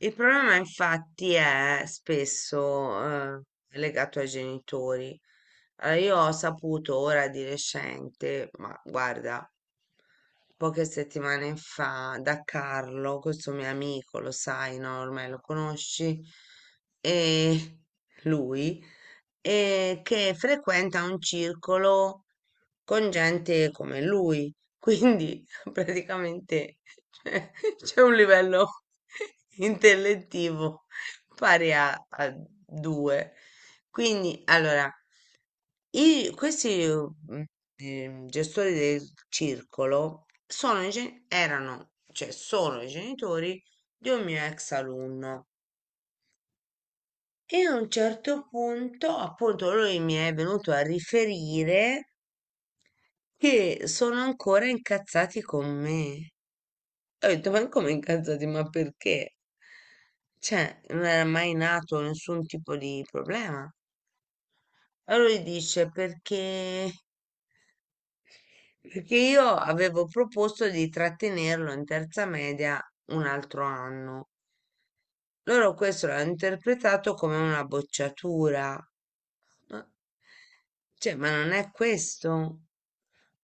Il problema infatti è spesso legato ai genitori. Allora, io ho saputo ora di recente, ma guarda, poche settimane fa da Carlo, questo mio amico, lo sai, no? Ormai lo conosci, e lui, che frequenta un circolo con gente come lui. Quindi praticamente cioè, c'è un livello intellettivo pari a due. Quindi, allora, questi gestori del circolo sono erano, cioè sono i genitori di un mio ex alunno. E a un certo punto, appunto, lui mi è venuto a riferire che sono ancora incazzati con me. E ho detto: "Ma come incazzati? Ma perché?" Cioè, non era mai nato nessun tipo di problema. Allora lui dice: "Perché io avevo proposto di trattenerlo in terza media un altro anno. Loro questo l'hanno interpretato come una bocciatura." Ma cioè, ma non è questo.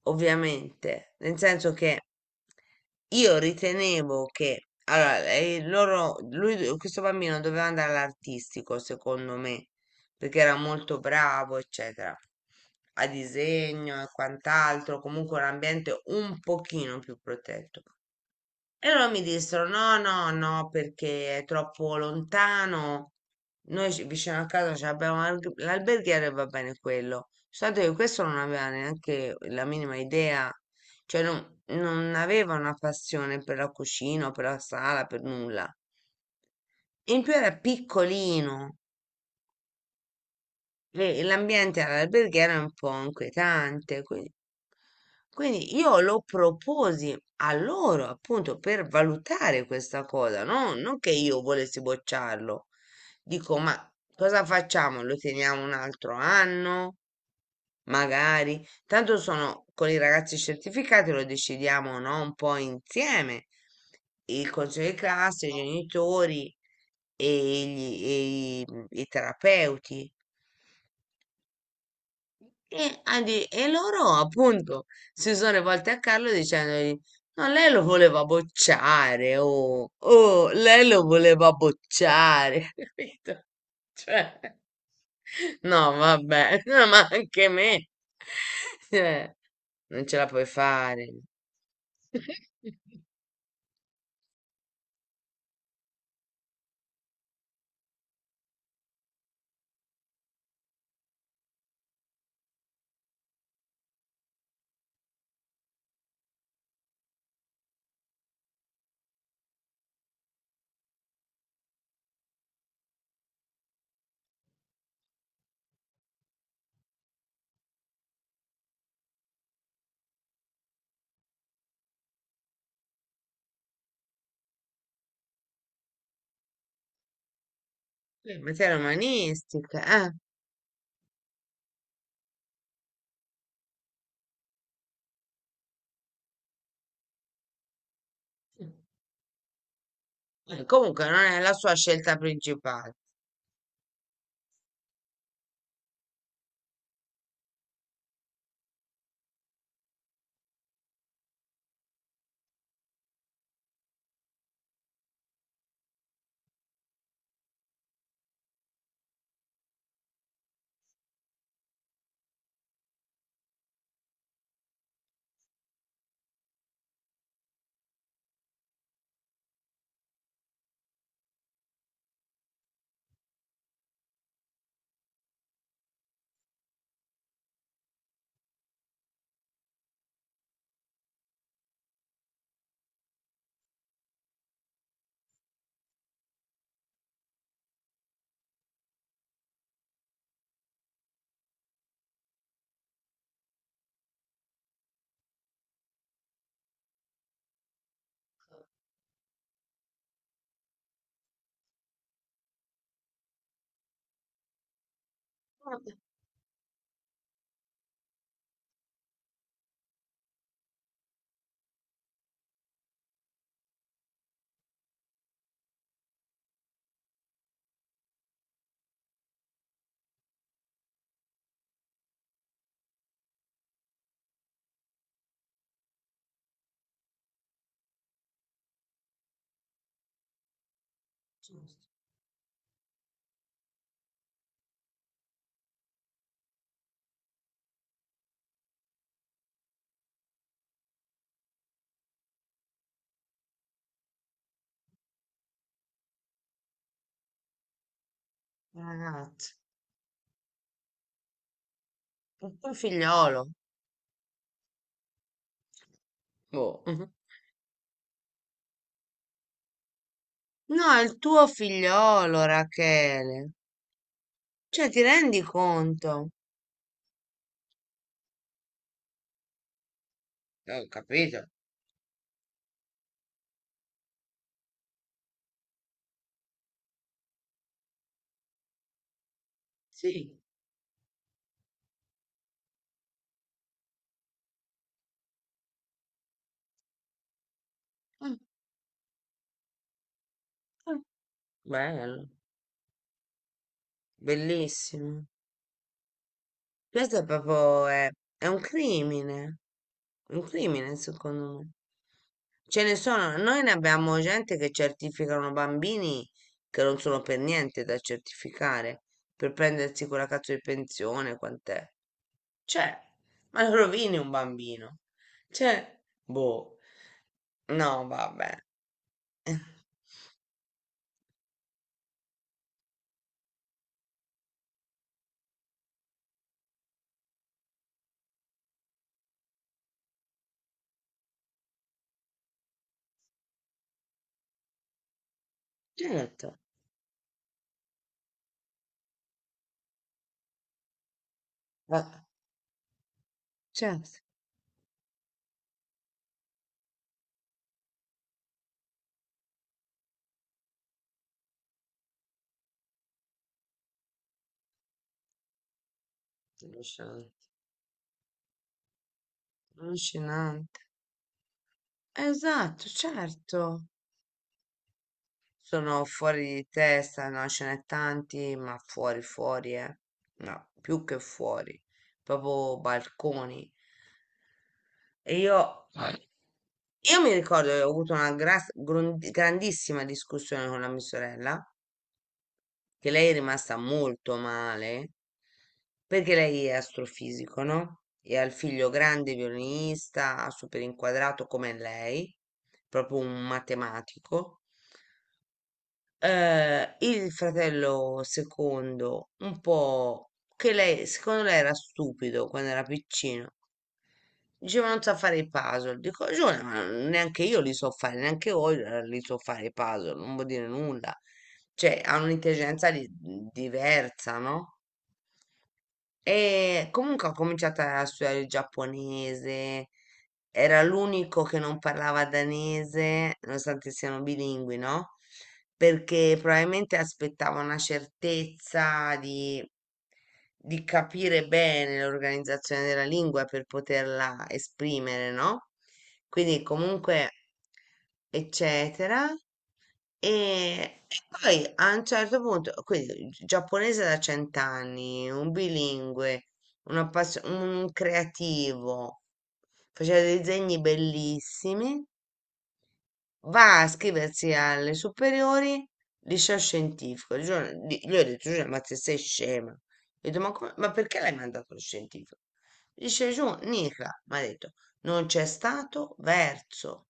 Ovviamente, nel senso che io ritenevo che allora, questo bambino doveva andare all'artistico, secondo me, perché era molto bravo, eccetera, a disegno e quant'altro, comunque un ambiente un pochino più protetto. E loro mi dissero: no, no, no, perché è troppo lontano. Vicino a casa ci abbiamo l'alberghiere e va bene quello. Soltanto che questo non aveva neanche la minima idea, cioè non aveva una passione per la cucina, o per la sala, per nulla. In più era piccolino. E l'ambiente all'alberghiera è un po' inquietante. Quindi, quindi io lo proposi a loro appunto per valutare questa cosa, no? Non che io volessi bocciarlo. Dico, ma cosa facciamo? Lo teniamo un altro anno? Magari. Tanto sono con i ragazzi certificati, lo decidiamo, no? Un po' insieme. Il consiglio di classe, i genitori e, e i terapeuti. E, e loro appunto si sono rivolti a Carlo dicendogli: No, lei lo voleva bocciare, oh, oh, lei lo voleva bocciare, capito? Cioè, no, vabbè, no, ma anche me, cioè, non ce la puoi fare. Ma sei romanistica, eh? Comunque non è la sua scelta principale. Ragazzi, un figliolo, boh. No, è il tuo figliolo, Rachele. Cioè, ti rendi conto? Ho capito. Sì, mm, mm, bello, bellissimo. Questo è proprio, è un crimine secondo me. Ce ne sono, noi ne abbiamo gente che certificano bambini che non sono per niente da certificare, per prendersi quella cazzo di pensione, quant'è? Cioè, ma lo rovini un bambino. Cioè, boh. No, vabbè. Eh, Certo, va certo. Alluscinante, allucinante. Esatto, certo. Sono fuori di testa, no, ce n'è tanti, ma fuori, fuori, eh. No, più che fuori, proprio balconi. E io mi ricordo che ho avuto una grandissima discussione con la mia sorella. Che lei è rimasta molto male perché lei è astrofisico, no? E ha il figlio grande violinista, super inquadrato come lei, proprio un matematico. Il fratello secondo, un po' che lei, secondo lei era stupido quando era piccino. Diceva non sa fare i puzzle. Dico, Giulia, ma neanche io li so fare, neanche voi li so fare i puzzle, non vuol dire nulla. Cioè, ha diversa, no? E comunque ho cominciato a studiare il giapponese, era l'unico che non parlava danese, nonostante siano bilingui, no? Perché probabilmente aspettava una certezza di capire bene l'organizzazione della lingua per poterla esprimere, no? Quindi comunque eccetera. E poi a un certo punto, quindi giapponese da cent'anni, un bilingue, un creativo, faceva dei disegni bellissimi, va a iscriversi alle superiori, liceo scientifico. Gli ho detto, Giulia, ma se sei scema? Ho detto, ma perché l'hai mandato allo scientifico? Dice giù, Nica, mi ha detto, non c'è stato verso,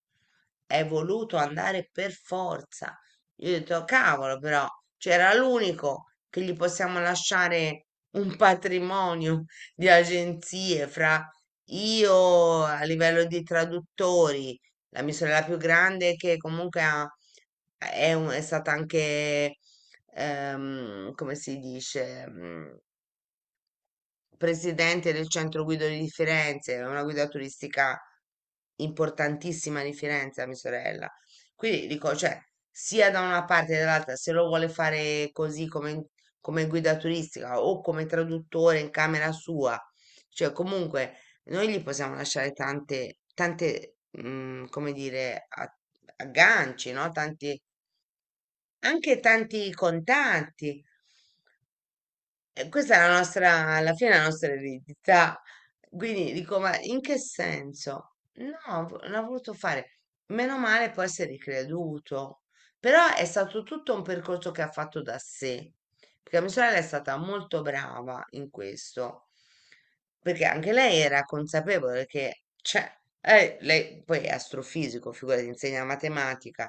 è voluto andare per forza. Io ho detto, cavolo, però c'era l'unico che gli possiamo lasciare un patrimonio di agenzie fra io a livello di traduttori, la mia sorella più grande che comunque è, è stata anche, come si dice, presidente del centro guido di Firenze, è una guida turistica importantissima di Firenze, a mia sorella. Quindi dico, cioè, sia da una parte che dall'altra, se lo vuole fare come guida turistica o come traduttore in camera sua, cioè comunque noi gli possiamo lasciare tante, tante, come dire, agganci, no? Tanti, anche tanti contatti. E questa è la nostra, alla fine è la nostra eredità. Quindi dico, ma in che senso? No, non ha voluto fare. Meno male può essere creduto. Però è stato tutto un percorso che ha fatto da sé. Perché mia sorella è stata molto brava in questo. Perché anche lei era consapevole che, cioè, lei poi è astrofisico, figurati, insegna matematica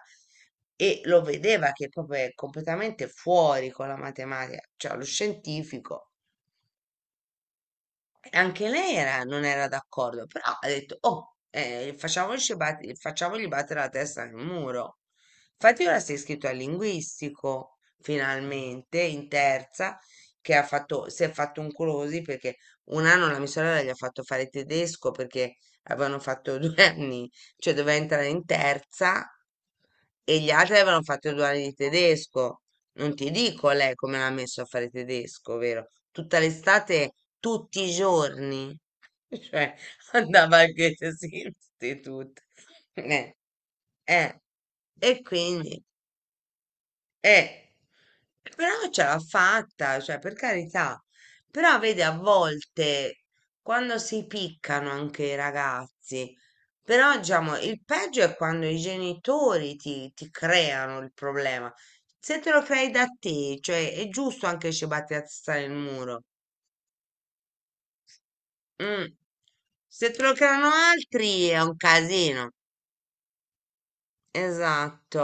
e lo vedeva che proprio è completamente fuori con la matematica, cioè lo scientifico. E non era d'accordo, però ha detto, oh, facciamogli battere la testa nel muro. Infatti ora si è iscritto al linguistico, finalmente, in terza, che ha fatto, si è fatto un colosi perché un anno la mia sorella gli ha fatto fare tedesco perché avevano fatto 2 anni, cioè doveva entrare in terza e gli altri avevano fatto 2 anni di tedesco. Non ti dico lei come l'ha messo a fare tedesco, vero? Tutta l'estate, tutti i giorni. Cioè, andava anche in istituto. Eh, eh. E quindi, eh, però ce l'ha fatta, cioè per carità. Però vedi, a volte quando si piccano anche i ragazzi, però diciamo, il peggio è quando i genitori ti creano il problema. Se te lo crei da te, cioè è giusto anche cibattiazzare il muro. Mm. Se te lo creano altri è un casino. Esatto.